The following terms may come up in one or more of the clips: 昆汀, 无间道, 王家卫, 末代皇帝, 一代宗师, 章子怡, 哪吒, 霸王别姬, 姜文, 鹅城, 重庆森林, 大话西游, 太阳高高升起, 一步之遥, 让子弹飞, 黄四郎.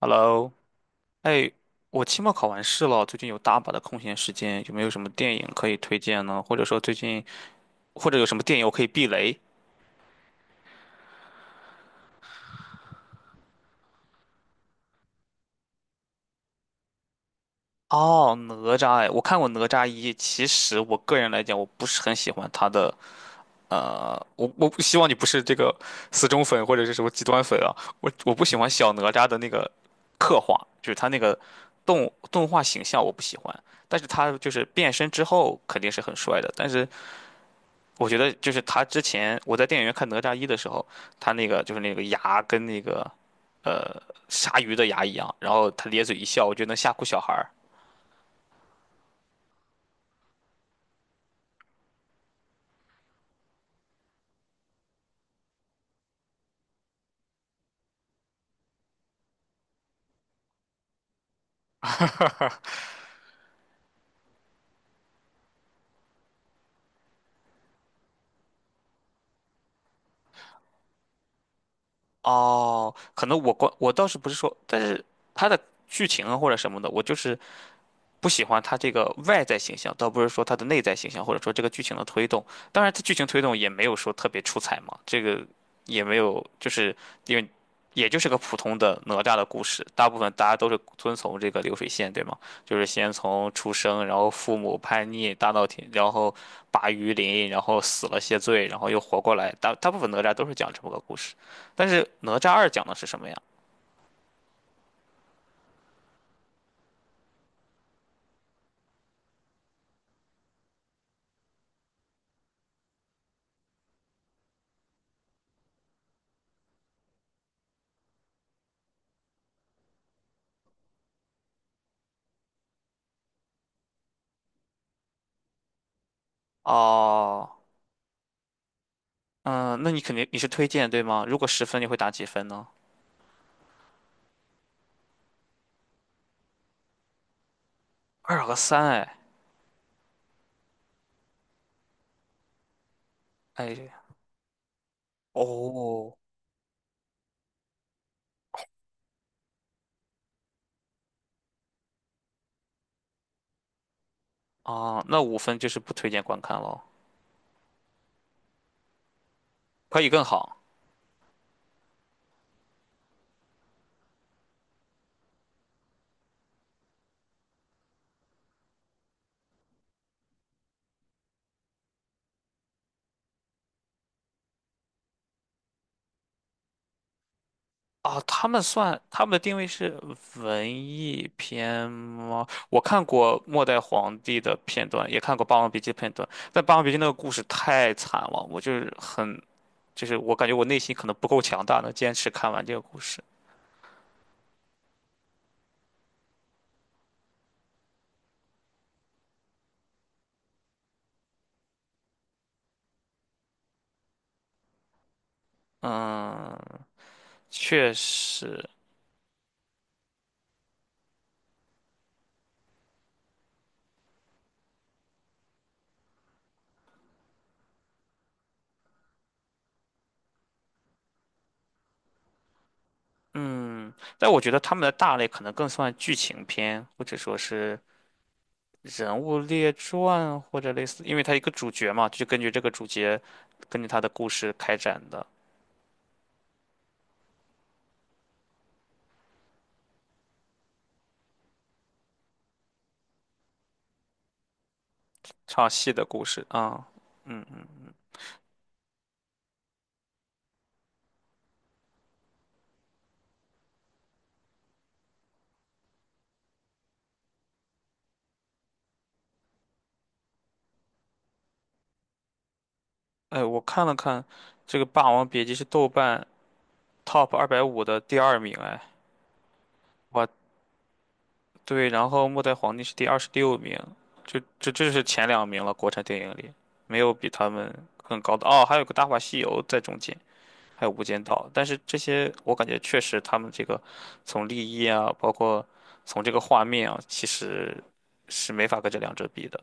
Hello，哎，我期末考完试了，最近有大把的空闲时间，有没有什么电影可以推荐呢？或者说最近，或者有什么电影我可以避雷？哦，哪吒，哎，我看过《哪吒一》。其实我个人来讲，我不是很喜欢他的，我不希望你不是这个死忠粉或者是什么极端粉啊。我不喜欢小哪吒的那个刻画，就是他那个动画形象我不喜欢，但是他就是变身之后肯定是很帅的，但是。我觉得就是他之前我在电影院看《哪吒一》的时候，他那个就是那个牙跟那个呃鲨鱼的牙一样，然后他咧嘴一笑，我觉得能吓哭小孩儿。哦，可能我倒是不是说，但是他的剧情啊或者什么的，我就是不喜欢他这个外在形象，倒不是说他的内在形象，或者说这个剧情的推动。当然，他剧情推动也没有说特别出彩嘛，这个也没有，就是因为也就是个普通的哪吒的故事，大部分大家都是遵从这个流水线，对吗？就是先从出生，然后父母叛逆大闹天，然后拔鱼鳞，然后死了谢罪，然后又活过来，大部分哪吒都是讲这么个故事。但是哪吒二讲的是什么呀？哦，嗯，那你肯定你是推荐对吗？如果10分，你会打几分呢？2和3，哎，哎，哦，啊，那5分就是不推荐观看了，可以更好啊。他们的定位是文艺片吗？我看过《末代皇帝》的片段，也看过《霸王别姬》的片段，但《霸王别姬》那个故事太惨了，我就是很，就是我感觉我内心可能不够强大，能坚持看完这个故事。嗯，确实，嗯，但我觉得他们的大类可能更算剧情片，或者说是人物列传，或者类似，因为他一个主角嘛，就根据这个主角，根据他的故事开展的唱戏的故事啊。嗯嗯，哎，我看了看，这个《霸王别姬》是豆瓣 Top 250的第二名，哎，哇，对，然后《末代皇帝》是第26名，就这这就是前两名了，国产电影里没有比他们更高的哦，还有个《大话西游》在中间。还有《无间道》，但是这些我感觉确实他们这个从立意啊，包括从这个画面啊，其实是没法跟这两者比的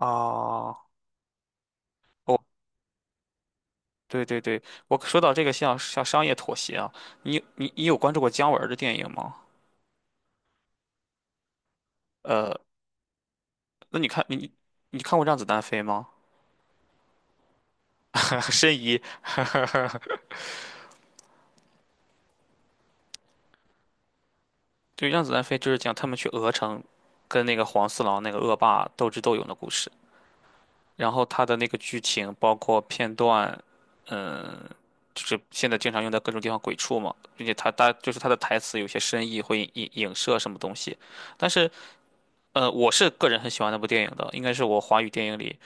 啊。哦，对对对，我说到这个像商业妥协啊，你有关注过姜文儿的电影吗？呃，那你看过《让子弹飞》吗？申遗，对，《让子弹飞》就是讲他们去鹅城跟那个黄四郎那个恶霸斗智斗勇的故事。然后他的那个剧情包括片段，嗯，就是现在经常用在各种地方鬼畜嘛，并且就是他的台词有些深意，会影射什么东西。但是，我是个人很喜欢那部电影的，应该是我华语电影里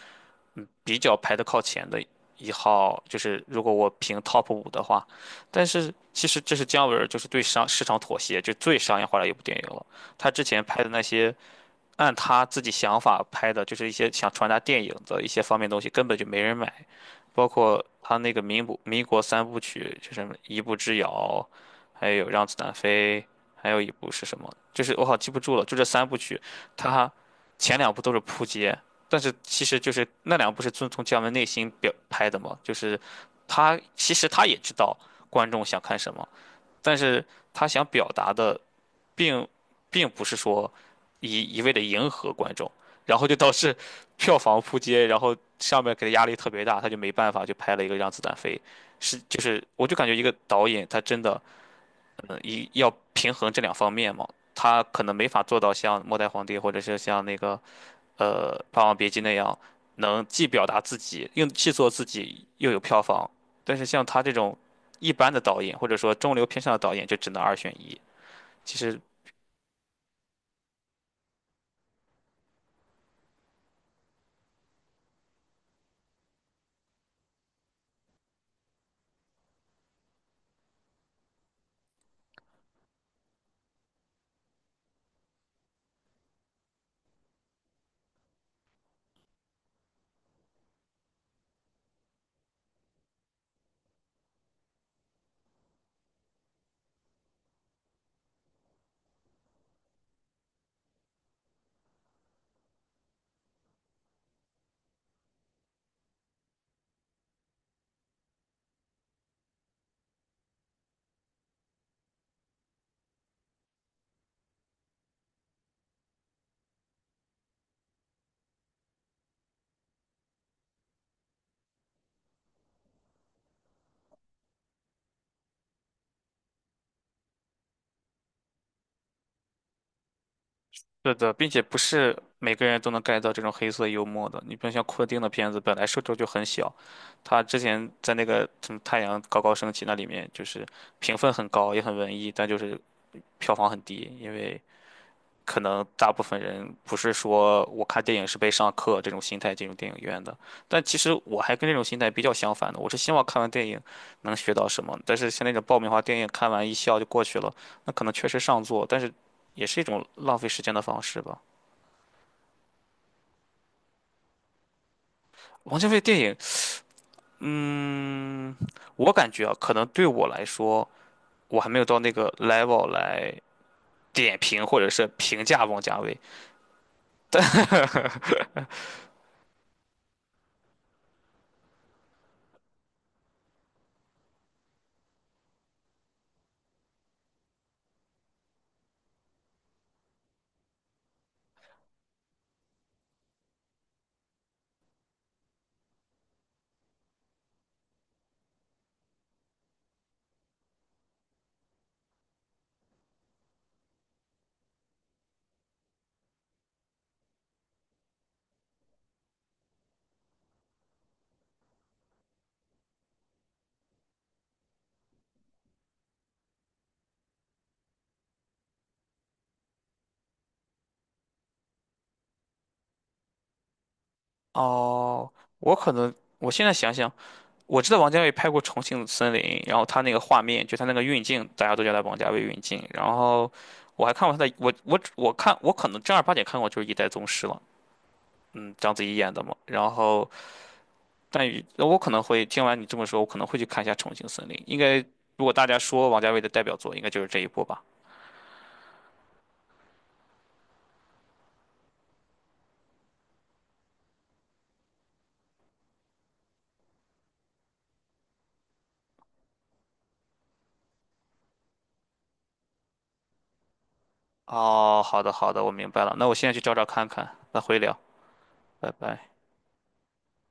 比较排的靠前的一号，就是如果我评 top 五的话。但是其实这是姜文儿就是对市场妥协，就最商业化的一部电影了。他之前拍的那些。按他自己想法拍的，就是一些想传达电影的一些方面东西，根本就没人买。包括他那个民不民国三部曲，就是什么一步之遥》，还有《让子弹飞》，还有一部是什么？就是我好记不住了。就这三部曲，他前两部都是扑街，但是其实就是那两部是遵从姜文内心表拍的嘛，就是他其实他也知道观众想看什么，但是他想表达的。并并不是说一味的迎合观众，然后就导致 票房扑街，然后上面给他压力特别大，他就没办法就拍了一个《让子弹飞》，是就是我就感觉一个导演他真的要平衡这两方面嘛。他可能没法做到像《末代皇帝》或者是像那个《霸王别姬》那样，能既表达自己又做自己又有票房，但是像他这种一般的导演或者说中流偏上的导演就只能二选一，其实是的。并且不是每个人都能 get 到这种黑色幽默的。你比如像昆汀的片子，本来受众就很小，他之前在那个什么《太阳高高升起》那里面，就是评分很高，也很文艺，但就是票房很低，因为可能大部分人不是说我看电影是被上课这种心态进入电影院的。但其实我还跟这种心态比较相反的，我是希望看完电影能学到什么。但是像那种爆米花电影，看完一笑就过去了，那可能确实上座，但是也是一种浪费时间的方式吧。王家卫电影，嗯，我感觉啊，可能对我来说，我还没有到那个 level 来点评或者是评价王家卫。哦，我可能我现在想想，我知道王家卫拍过《重庆森林》，然后他那个画面，就他那个运镜，大家都叫他王家卫运镜。然后我还看过他的，我可能正儿八经看过就是《一代宗师》了，嗯，章子怡演的嘛。然后但与那我可能会听完你这么说，我可能会去看一下《重庆森林》。应该，如果大家说王家卫的代表作，应该就是这一部吧。哦，好的好的，我明白了。那我现在去找找看看，那回聊，拜拜。